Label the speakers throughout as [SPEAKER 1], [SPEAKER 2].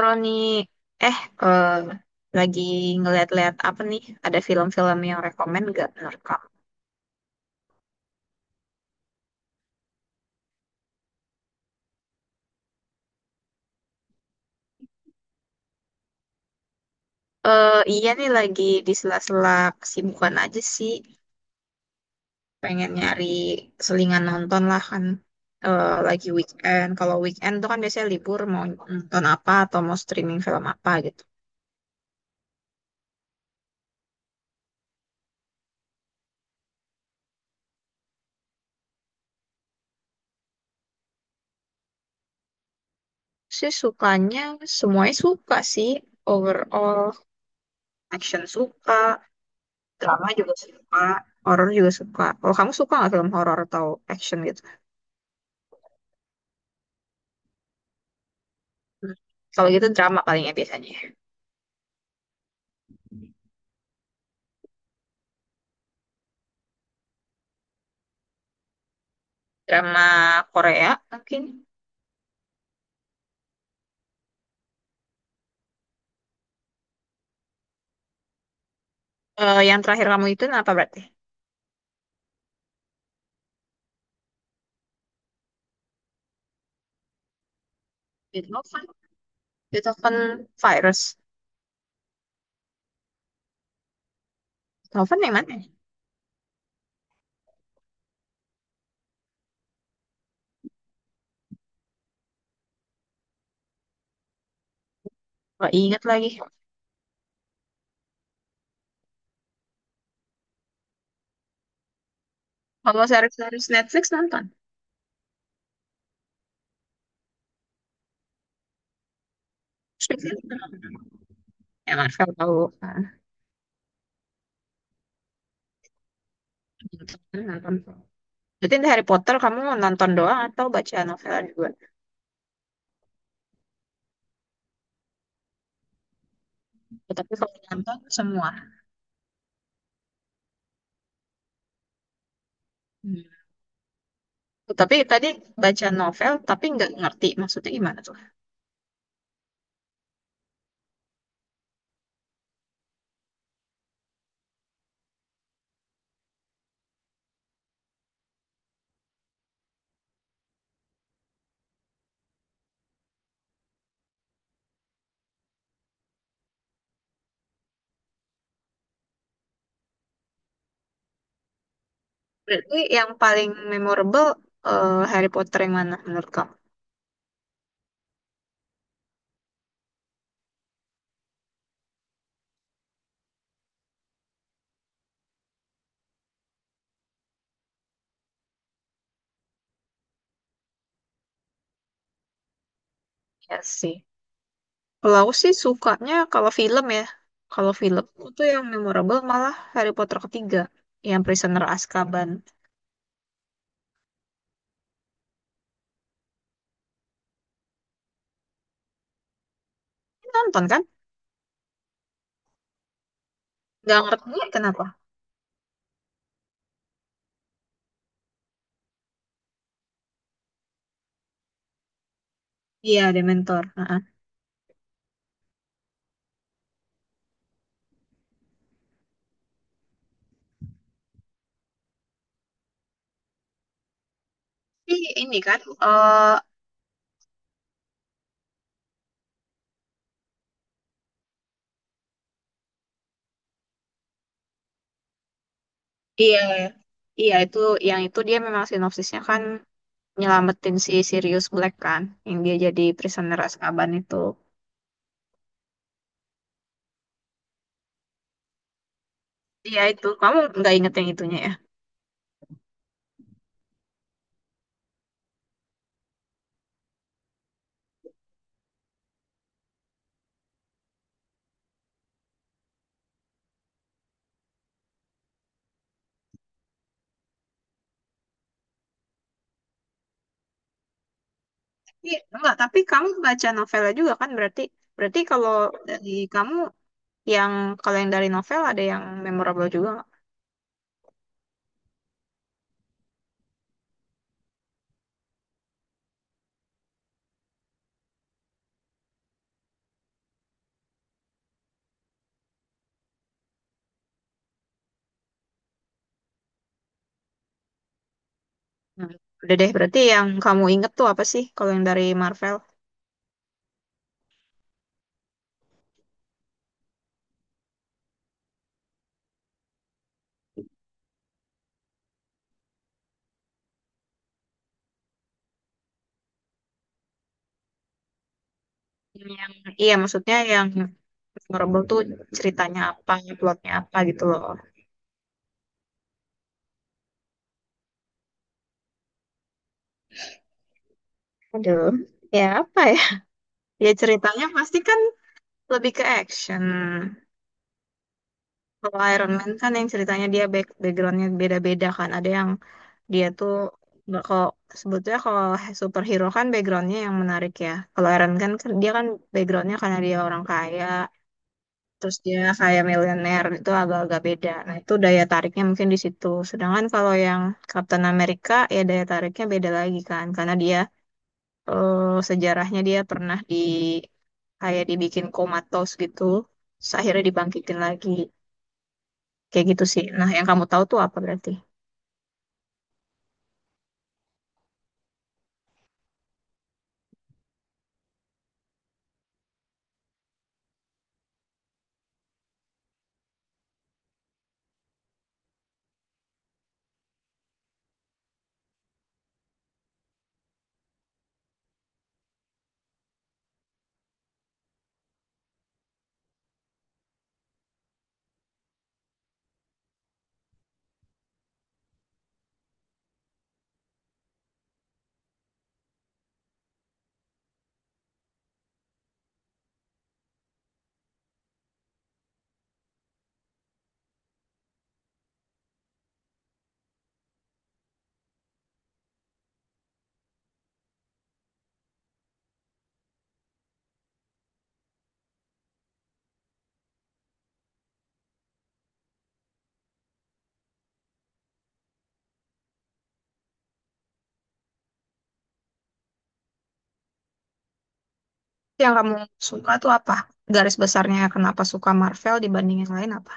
[SPEAKER 1] Roni, eh eh, lagi ngeliat-liat apa nih? Ada film-film yang rekomen gak menurut kamu? Eh iya nih lagi di sela-sela kesibukan aja sih. Pengen nyari selingan nonton lah kan. Eh lagi weekend. Kalau weekend tuh kan biasanya libur mau nonton apa atau mau streaming film apa gitu. Sih sukanya semuanya suka sih. Overall action suka, drama juga suka, horror juga suka. Kalau kamu suka nggak film horror atau action gitu? Hmm. Kalau gitu drama paling ya biasanya. Drama Korea mungkin. Eh, yang terakhir kamu itu apa berarti? Beethoven. Beethoven Virus. Beethoven yang mana? Gak ingat lagi. Kalau series-series Netflix nonton. Ya Marvel tahu. Ah, nonton. Nonton. Berarti di Harry Potter kamu nonton doang atau baca novel juga? Ya, tapi kalau nonton semua. Hmm. Tapi tadi baca novel tapi nggak ngerti maksudnya gimana tuh. Berarti yang paling memorable Harry Potter yang mana menurut kamu? Ya sih. Kalau aku sih sukanya kalau film ya. Kalau film aku tuh yang memorable malah Harry Potter ketiga. Yang Prisoner Azkaban. Nonton kan? Gak ngerti kenapa. Iya, Dementor. Heeh. Tapi ini kan. eh iya. Iya, itu yang itu dia memang sinopsisnya kan nyelamatin si Sirius Black kan. Yang dia jadi Prisoner Azkaban itu. Iya itu. Kamu nggak inget yang itunya ya? Iya, enggak. Tapi kamu baca novelnya juga kan berarti. Berarti kalau dari kamu yang kalau yang dari novel ada yang memorable juga nggak? Hmm. Udah deh, berarti yang kamu inget tuh apa sih kalau yang dari Marvel? Yang iya maksudnya yang memorable tuh ceritanya apa, plotnya apa gitu loh. Aduh, ya apa ya? Ya ceritanya pasti kan lebih ke action. Kalau Iron Man kan yang ceritanya dia backgroundnya beda-beda kan. Ada yang dia tuh nggak kalau sebetulnya kalau superhero kan backgroundnya yang menarik ya. Kalau Iron Man kan dia kan backgroundnya karena dia orang kaya, terus dia kayak milenial itu agak-agak beda. Nah, itu daya tariknya mungkin di situ. Sedangkan kalau yang Captain America ya daya tariknya beda lagi kan karena dia eh, sejarahnya dia pernah di kayak dibikin komatos gitu, terus akhirnya dibangkitin lagi. Kayak gitu sih. Nah, yang kamu tahu tuh apa berarti? Yang kamu suka tuh apa? Garis besarnya kenapa suka Marvel dibanding yang lain apa?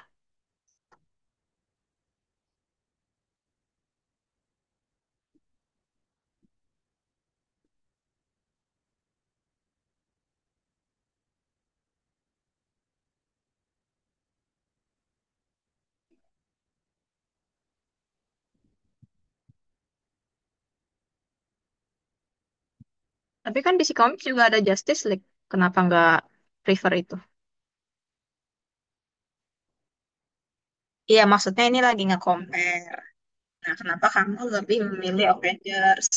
[SPEAKER 1] Tapi kan DC Comics juga ada Justice League. Kenapa nggak prefer itu? Iya, maksudnya ini lagi nge-compare. Nah, kenapa kamu lebih memilih Avengers?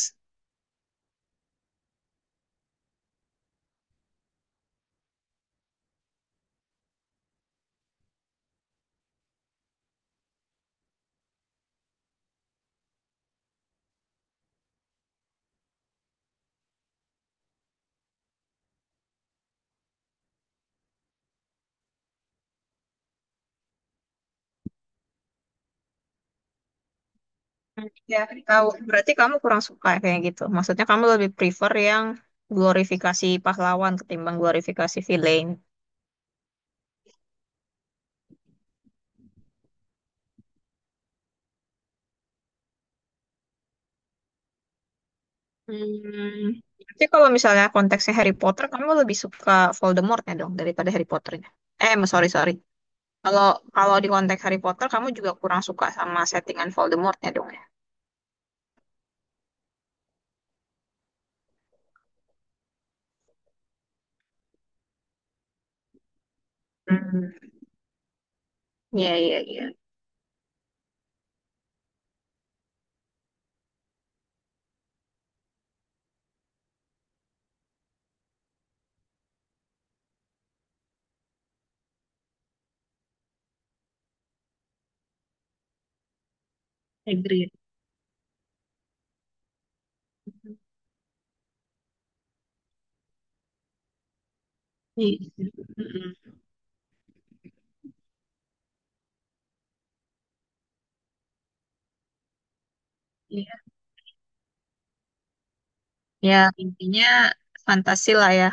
[SPEAKER 1] Ya, aku tahu. Berarti kamu kurang suka ya kayak gitu. Maksudnya kamu lebih prefer yang glorifikasi pahlawan ketimbang glorifikasi villain. Hmm. Tapi kalau misalnya konteksnya Harry Potter, kamu lebih suka Voldemortnya dong daripada Harry Potternya. Sorry, sorry. Kalau kalau di konteks Harry Potter, kamu juga kurang suka sama settingan Voldemortnya dong ya. Hmm. Iya, iya, iya. Agree. Iya. Mm-mm. Iya. Ya, intinya fantasi lah ya.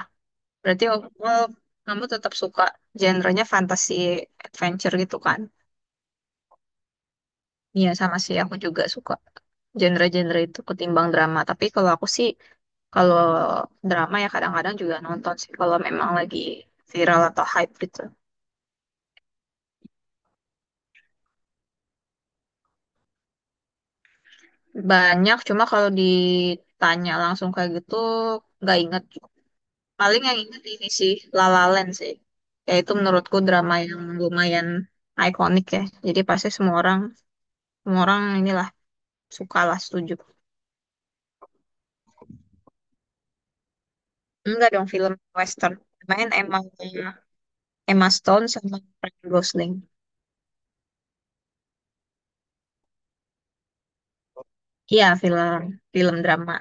[SPEAKER 1] Berarti overall kamu tetap suka genrenya fantasy adventure gitu kan? Iya sama sih aku juga suka genre-genre itu ketimbang drama. Tapi kalau aku sih kalau drama ya kadang-kadang juga nonton sih kalau memang lagi viral atau hype gitu. Banyak cuma kalau ditanya langsung kayak gitu nggak inget. Paling yang inget ini sih La La Land sih. Ya itu menurutku drama yang lumayan ikonik ya. Jadi pasti semua orang inilah suka lah setuju. Enggak dong film western. Main Emma Emma Stone sama Ryan Gosling. Iya film film drama.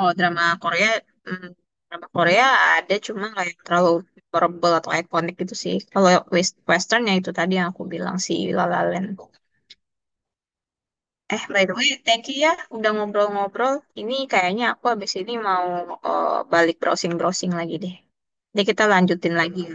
[SPEAKER 1] Oh drama Korea, hmm, drama Korea ada cuma nggak yang terlalu memorable atau ikonik gitu sih. Kalau wes- westernnya itu tadi yang aku bilang si La La Land. Eh by the way, thank you ya udah ngobrol-ngobrol. Ini kayaknya aku habis ini mau balik browsing-browsing lagi deh. Jadi kita lanjutin lagi ya.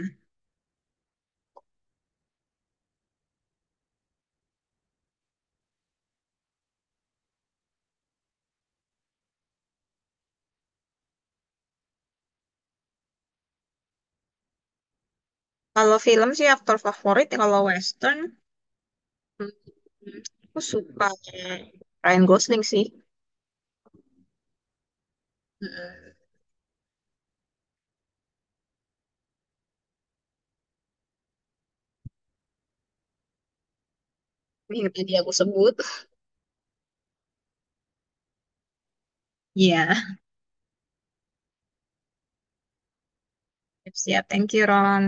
[SPEAKER 1] Kalau film sih aktor favorit kalau western hmm, hmm, aku suka Ryan Gosling sih. Hmm, yang tadi aku sebut. Iya. Siap, siap. Thank you, Ron.